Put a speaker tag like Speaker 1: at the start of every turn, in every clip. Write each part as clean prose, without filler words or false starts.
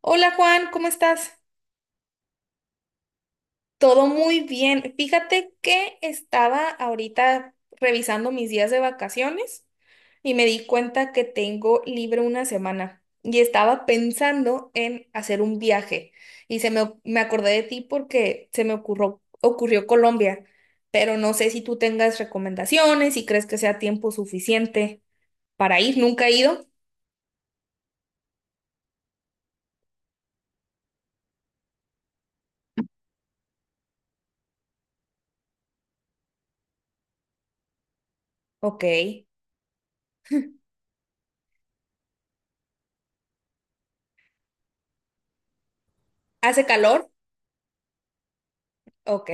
Speaker 1: Hola Juan, ¿cómo estás? Todo muy bien. Fíjate que estaba ahorita revisando mis días de vacaciones y me di cuenta que tengo libre una semana y estaba pensando en hacer un viaje y me acordé de ti porque se me ocurrió Colombia, pero no sé si tú tengas recomendaciones, si crees que sea tiempo suficiente para ir. Nunca he ido. Ok. ¿Hace calor? Ok.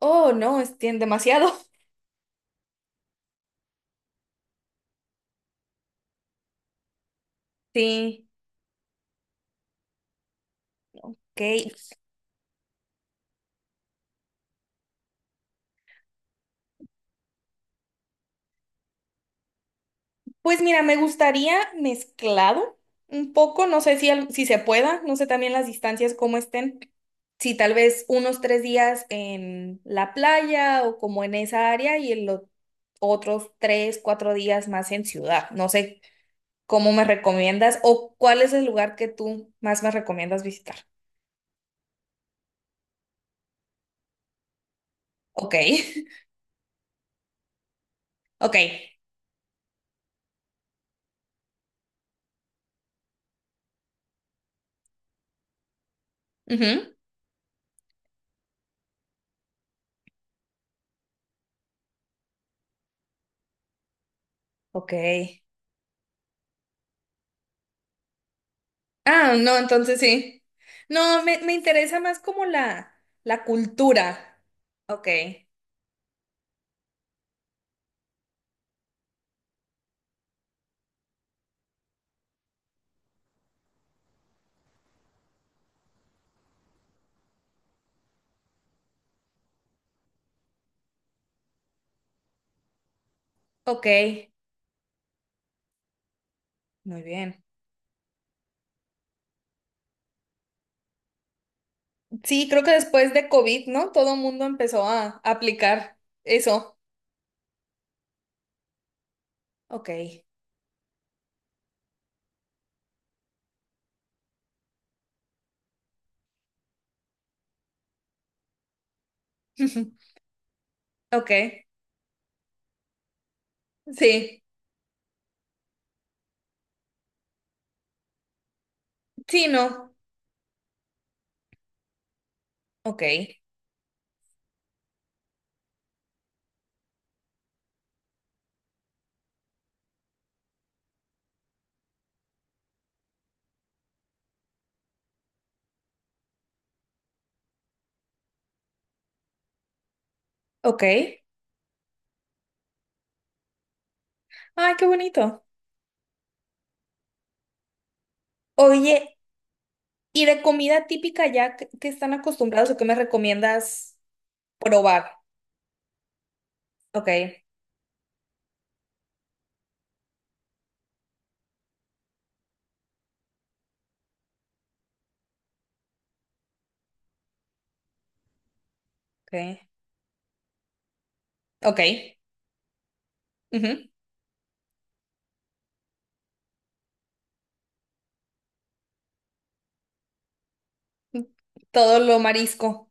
Speaker 1: Oh, no, es demasiado. Sí. Ok, pues mira, me gustaría mezclado un poco, no sé si, si se pueda, no sé también las distancias cómo estén, si tal vez unos 3 días en la playa o como en esa área y en los otros 3, 4 días más en ciudad, no sé cómo me recomiendas o cuál es el lugar que tú más me recomiendas visitar. Ok, ok, ujú, ok. Ah, no, entonces sí. No, me interesa más como la cultura. Ok, ok, muy bien. Sí, creo que después de COVID, ¿no? Todo el mundo empezó a aplicar eso. Ok, ok, sí, sí, no. Ok, ok. Ay, qué bonito. Oye, ¿y de comida típica ya que están acostumbrados o qué me recomiendas probar? Ok, ok, ok. Ujú. Todo lo marisco.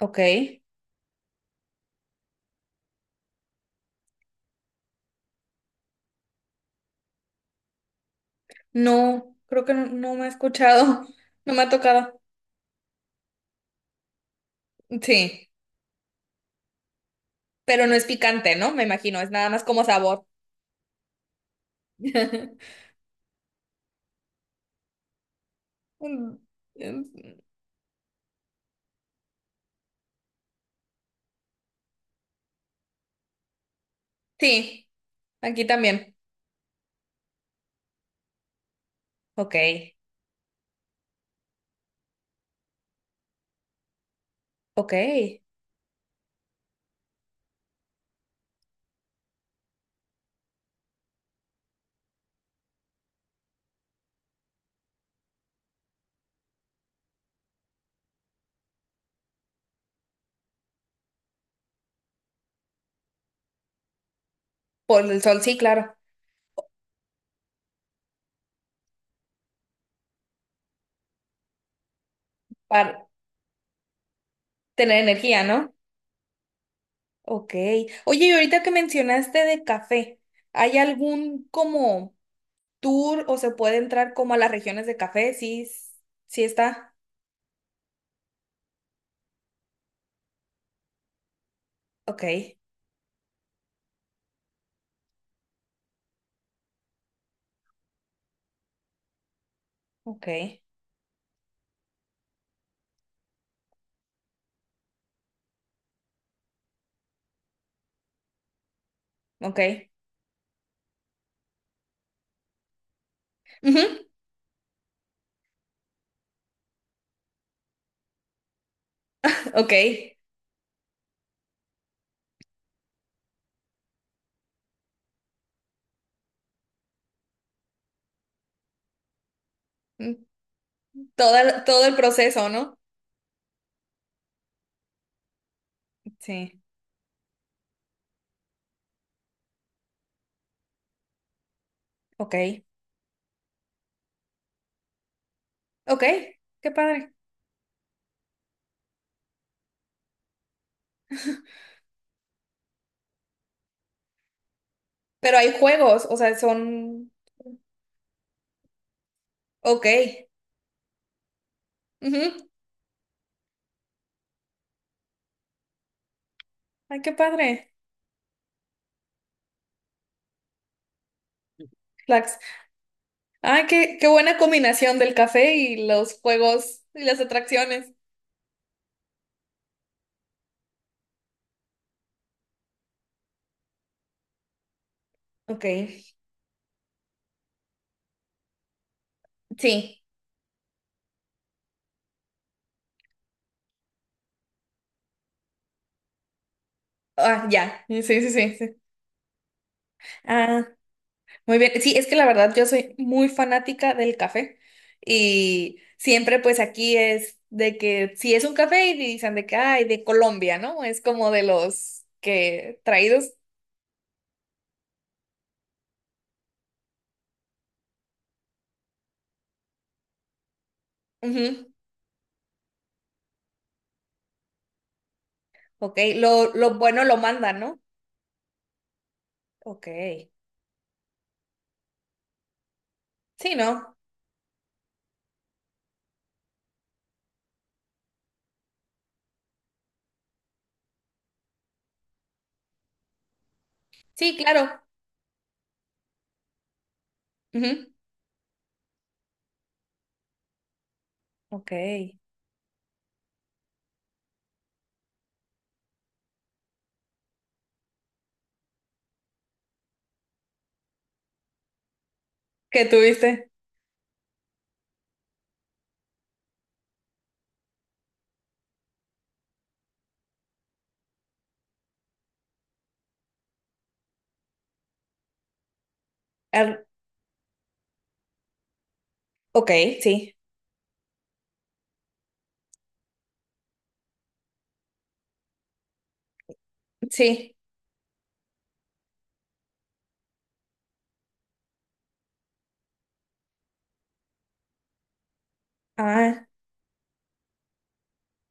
Speaker 1: Ok. No, creo que no, no me ha escuchado. No me ha tocado. Sí, pero no es picante, ¿no? Me imagino, es nada más como sabor. Mm, mm, sí, aquí también. Ok, ok. Por el sol, sí, claro. Para tener energía, ¿no? Ok. Oye, y ahorita que mencionaste de café, ¿hay algún como tour o se puede entrar como a las regiones de café? Sí, sí está. Ok, ok. Ok. Ujú, ok. Mm, toda, todo el proceso, ¿no? Sí. Ok. Ok. Qué padre. Pero hay juegos, o sea, son... Ok. Ujú. Ay, qué padre. Flax. Ay, qué buena combinación del café y los juegos y las atracciones. Ok. Sí. Ah, ya. Sí, sí, sí, sí. Ah. Muy bien, sí, es que la verdad yo soy muy fanática del café y siempre pues aquí es de que si es un café y dicen de que, ay, de Colombia, ¿no? Es como de los que traídos. Ujú, ok, lo bueno lo mandan, ¿no? Ok, sí, ¿no? Sí, claro. Ujú, ok, ¿qué tuviste? Ar- ok, sí, sí. Ah.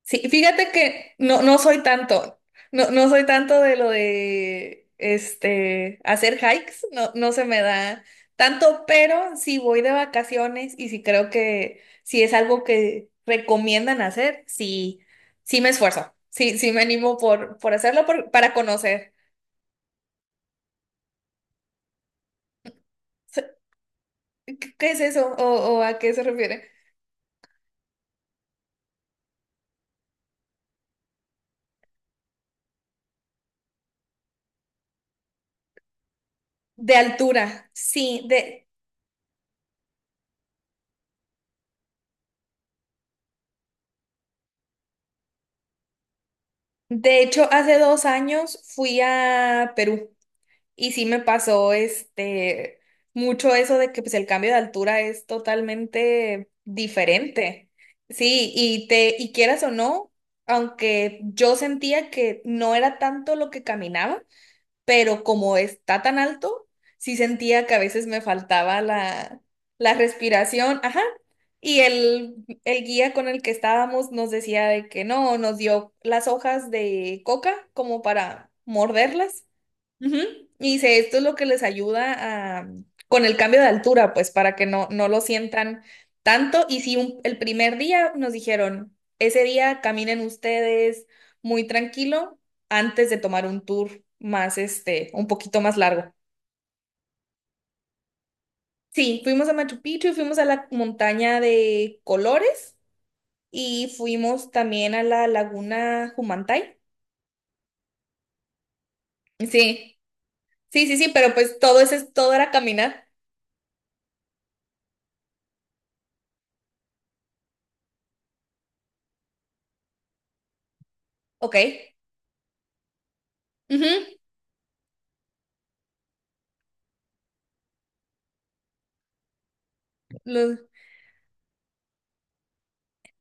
Speaker 1: Sí, fíjate que no, no soy tanto, no, no soy tanto de lo de este hacer hikes, no, no se me da tanto, pero si voy de vacaciones y si creo que si es algo que recomiendan hacer, sí, sí me esfuerzo, sí, sí me animo por hacerlo para conocer. So, ¿qué qué es eso? O a qué se refiere? De altura, sí, de hecho, hace 2 años fui a Perú. Y sí me pasó este mucho eso de que pues el cambio de altura es totalmente diferente. Sí, y te y quieras o no, aunque yo sentía que no era tanto lo que caminaba, pero como está tan alto, sí sentía que a veces me faltaba la respiración, ajá. Y el guía con el que estábamos nos decía de que no, nos dio las hojas de coca como para morderlas. Ujú. Y dice, esto es lo que les ayuda a, con el cambio de altura, pues para que no, no lo sientan tanto. Y si el primer día nos dijeron, ese día caminen ustedes muy tranquilo antes de tomar un tour más, este, un poquito más largo. Sí, fuimos a Machu Picchu, fuimos a la montaña de Colores y fuimos también a la laguna Humantay. Sí, sí, sí, sí, pero pues todo ese todo era caminar. Ok. Ujú. Los-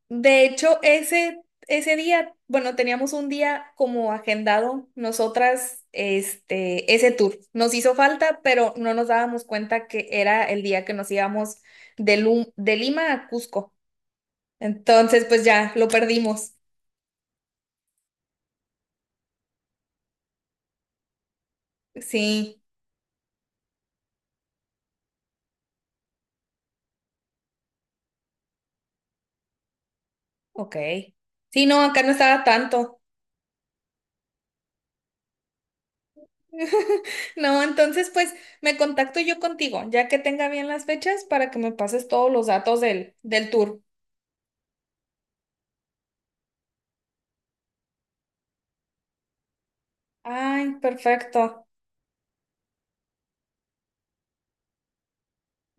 Speaker 1: de hecho, ese día, bueno, teníamos un día como agendado nosotras, este, ese tour. Nos hizo falta, pero no nos dábamos cuenta que era el día que nos íbamos de, de Lima a Cusco. Entonces, pues ya, lo perdimos. Sí, ok. Sí, no, acá no estaba tanto. No, entonces, pues me contacto yo contigo, ya que tenga bien las fechas, para que me pases todos los datos del tour. Ay, perfecto.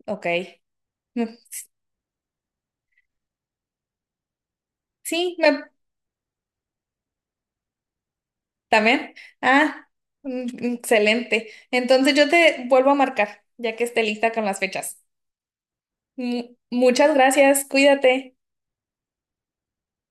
Speaker 1: Ok. Sí, también. Ah, mm, excelente. Entonces yo te vuelvo a marcar, ya que esté lista con las fechas. Muchas gracias, cuídate.